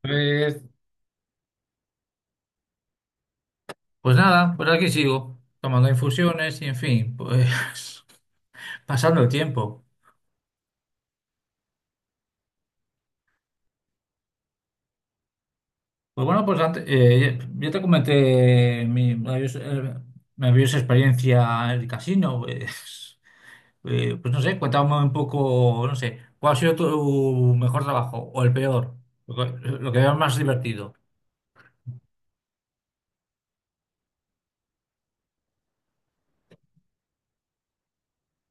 Pues, pues nada, pues aquí sigo, tomando infusiones y, en fin, pues pasando el tiempo. Pues bueno, pues antes, yo te comenté mi maravillosa, maravillosa experiencia en el casino, pues, pues no sé, cuéntame un poco, no sé, ¿cuál ha sido tu mejor trabajo o el peor? Lo que veas más divertido.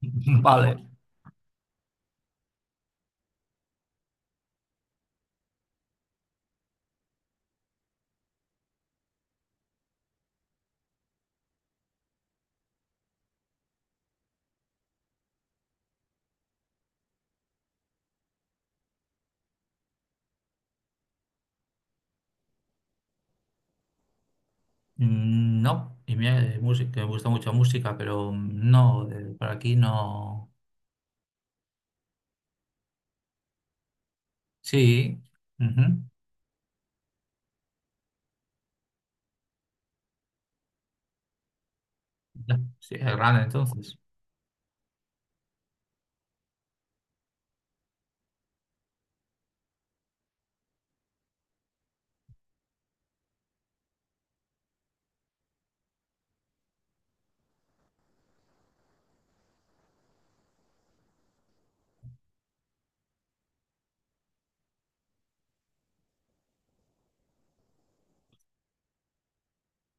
Vale. Mm, no, y mira, de música, me gusta mucho la música, pero no, por aquí no. Sí, ujú. Ya, sí, es grande entonces.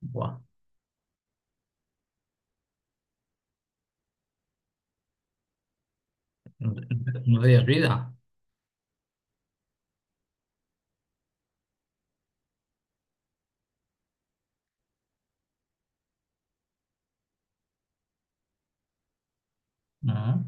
Buah, no, no tenías vida. No.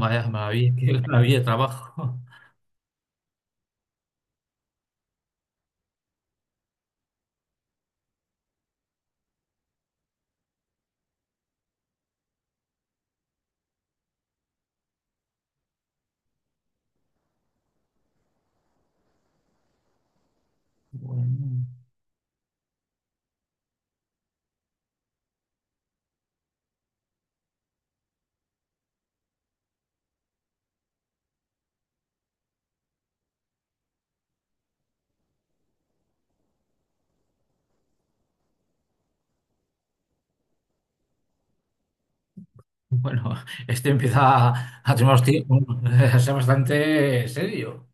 Vaya maravilla, qué maravilla de trabajo. Bueno, bueno, este empieza a tener a ser bastante serio.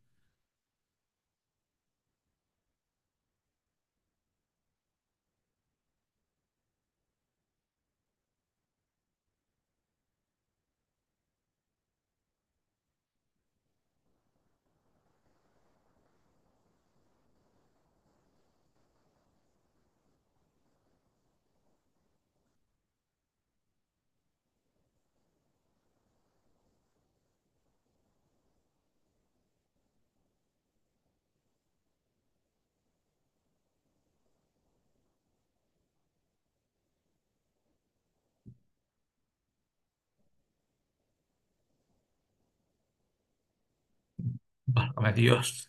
Válgame Dios.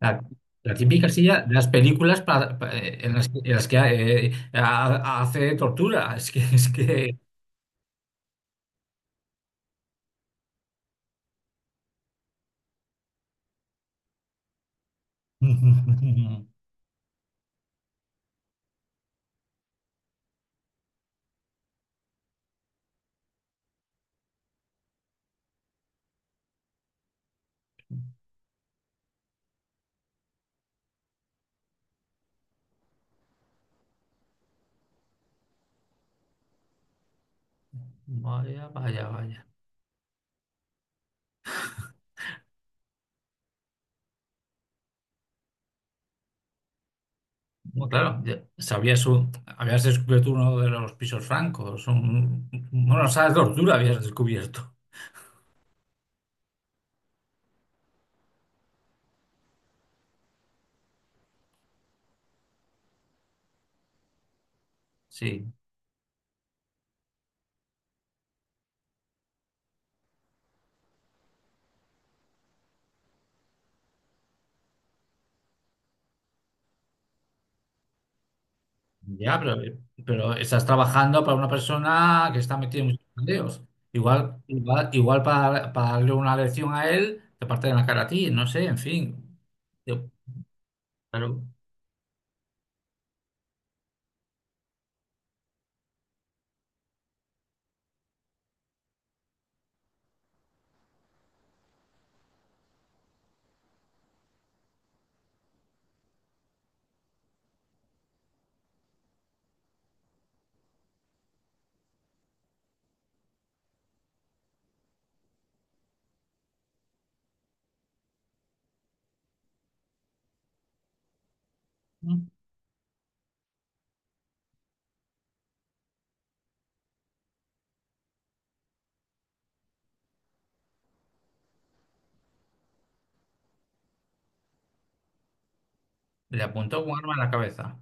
La, la típica silla de las películas en las que, hace tortura. Es que... Vaya, vaya, vaya. Bueno, claro, ya habías descubierto uno de los pisos francos, un, bueno, sala de tortura habías descubierto. Sí, ya, pero estás trabajando para una persona que está metida en muchos bandeos. Igual, igual, igual para darle una lección a él, te parte de la cara a ti, no sé, en fin. Yo- claro, le apuntó un arma en la cabeza.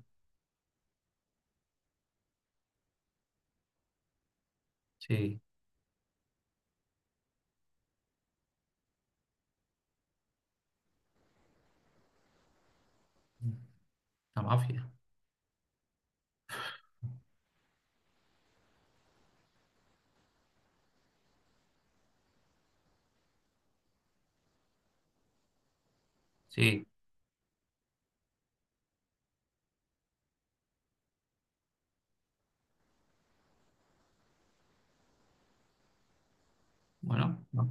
Sí, la mafia. Sí, bueno, no,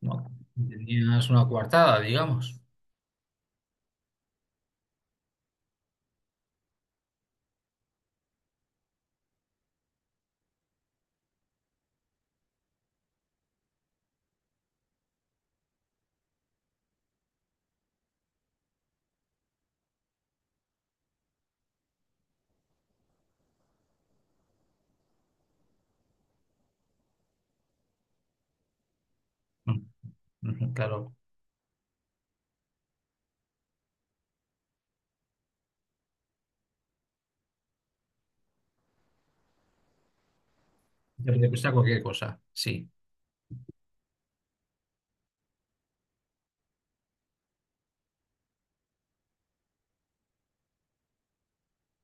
no. Tenías una coartada, digamos. Mm, ujú, claro. Ya puede gusta cualquier cosa, sí.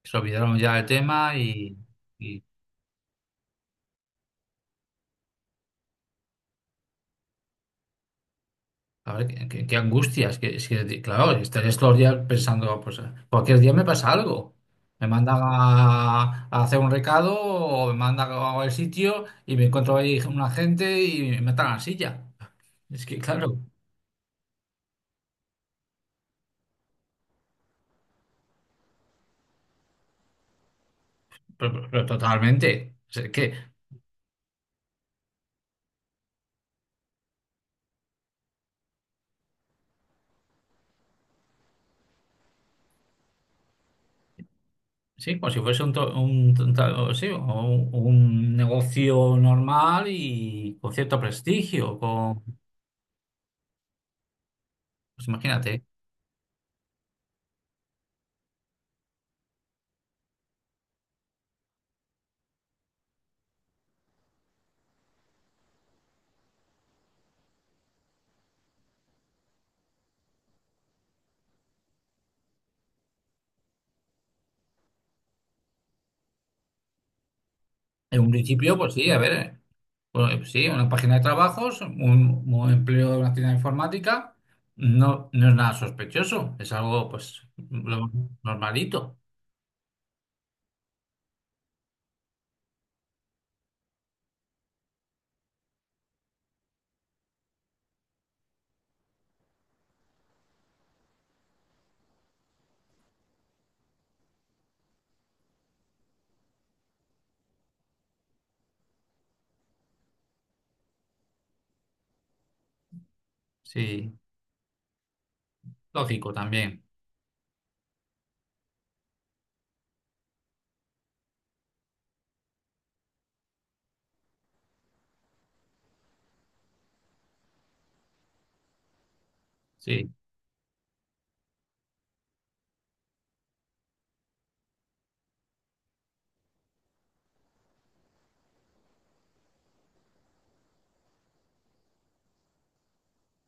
Se olvidaron ya del tema y, a ver, qué angustia. Que, es que, claro, estarías todos los días pensando, pues, cualquier día me pasa algo. Me mandan a hacer un recado o me mandan a el sitio y me encuentro ahí un agente y me matan a la silla. Es que, claro, pero totalmente. O sea, que, sí, como si fuese un, to- un, un ta- o sí, un negocio normal y con cierto prestigio, con, pues imagínate. En un principio, pues sí, a ver, bueno, sí, una página de trabajos, un empleo de una tienda de informática, no, no es nada sospechoso, es algo, pues, lo normalito, sí, lógico también, sí,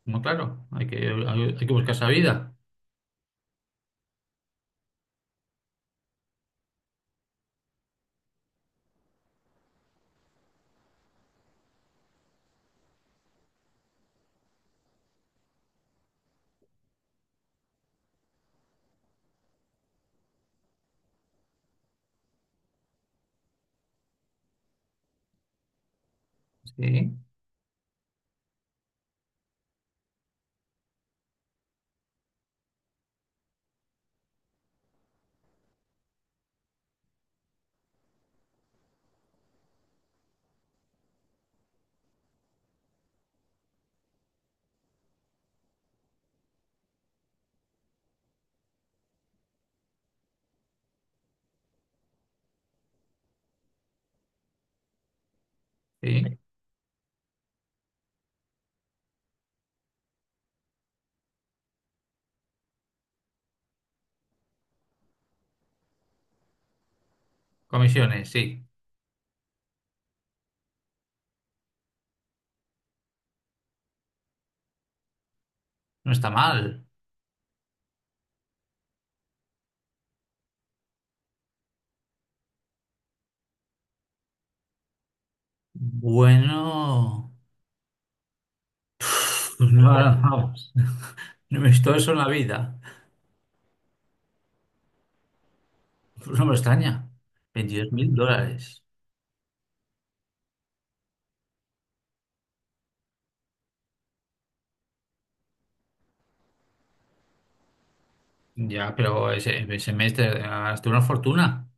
muy claro, hay que buscar esa vida, sí, sí, comisiones, sí, no está mal. Bueno, pues no, no, no, no he visto eso en la vida, pues no me extraña, $22,000. Ya, pero ese semestre gastaste una fortuna.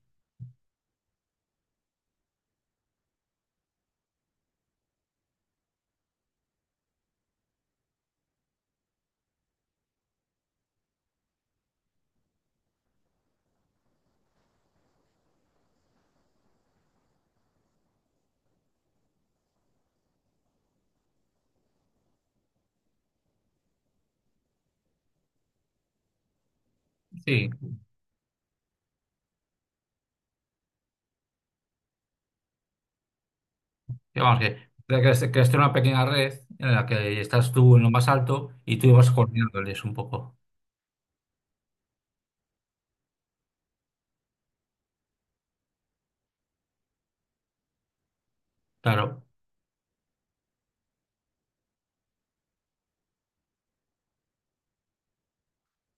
Sí, que vamos, que creaste, creaste una pequeña red en la que estás tú en lo más alto y tú ibas coordinándoles un poco. Claro,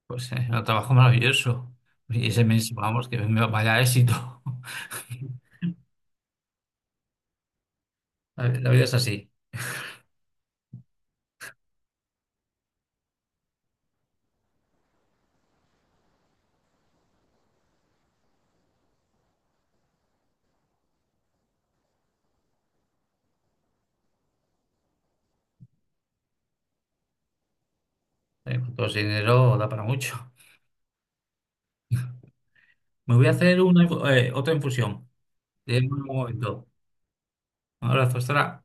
pues un trabajo maravilloso. Y ese mes, vamos, vaya éxito. La vida es así. Con todo ese dinero da para mucho. Me voy a hacer una, otra infusión. Te llamo en un momento. Un abrazo, hasta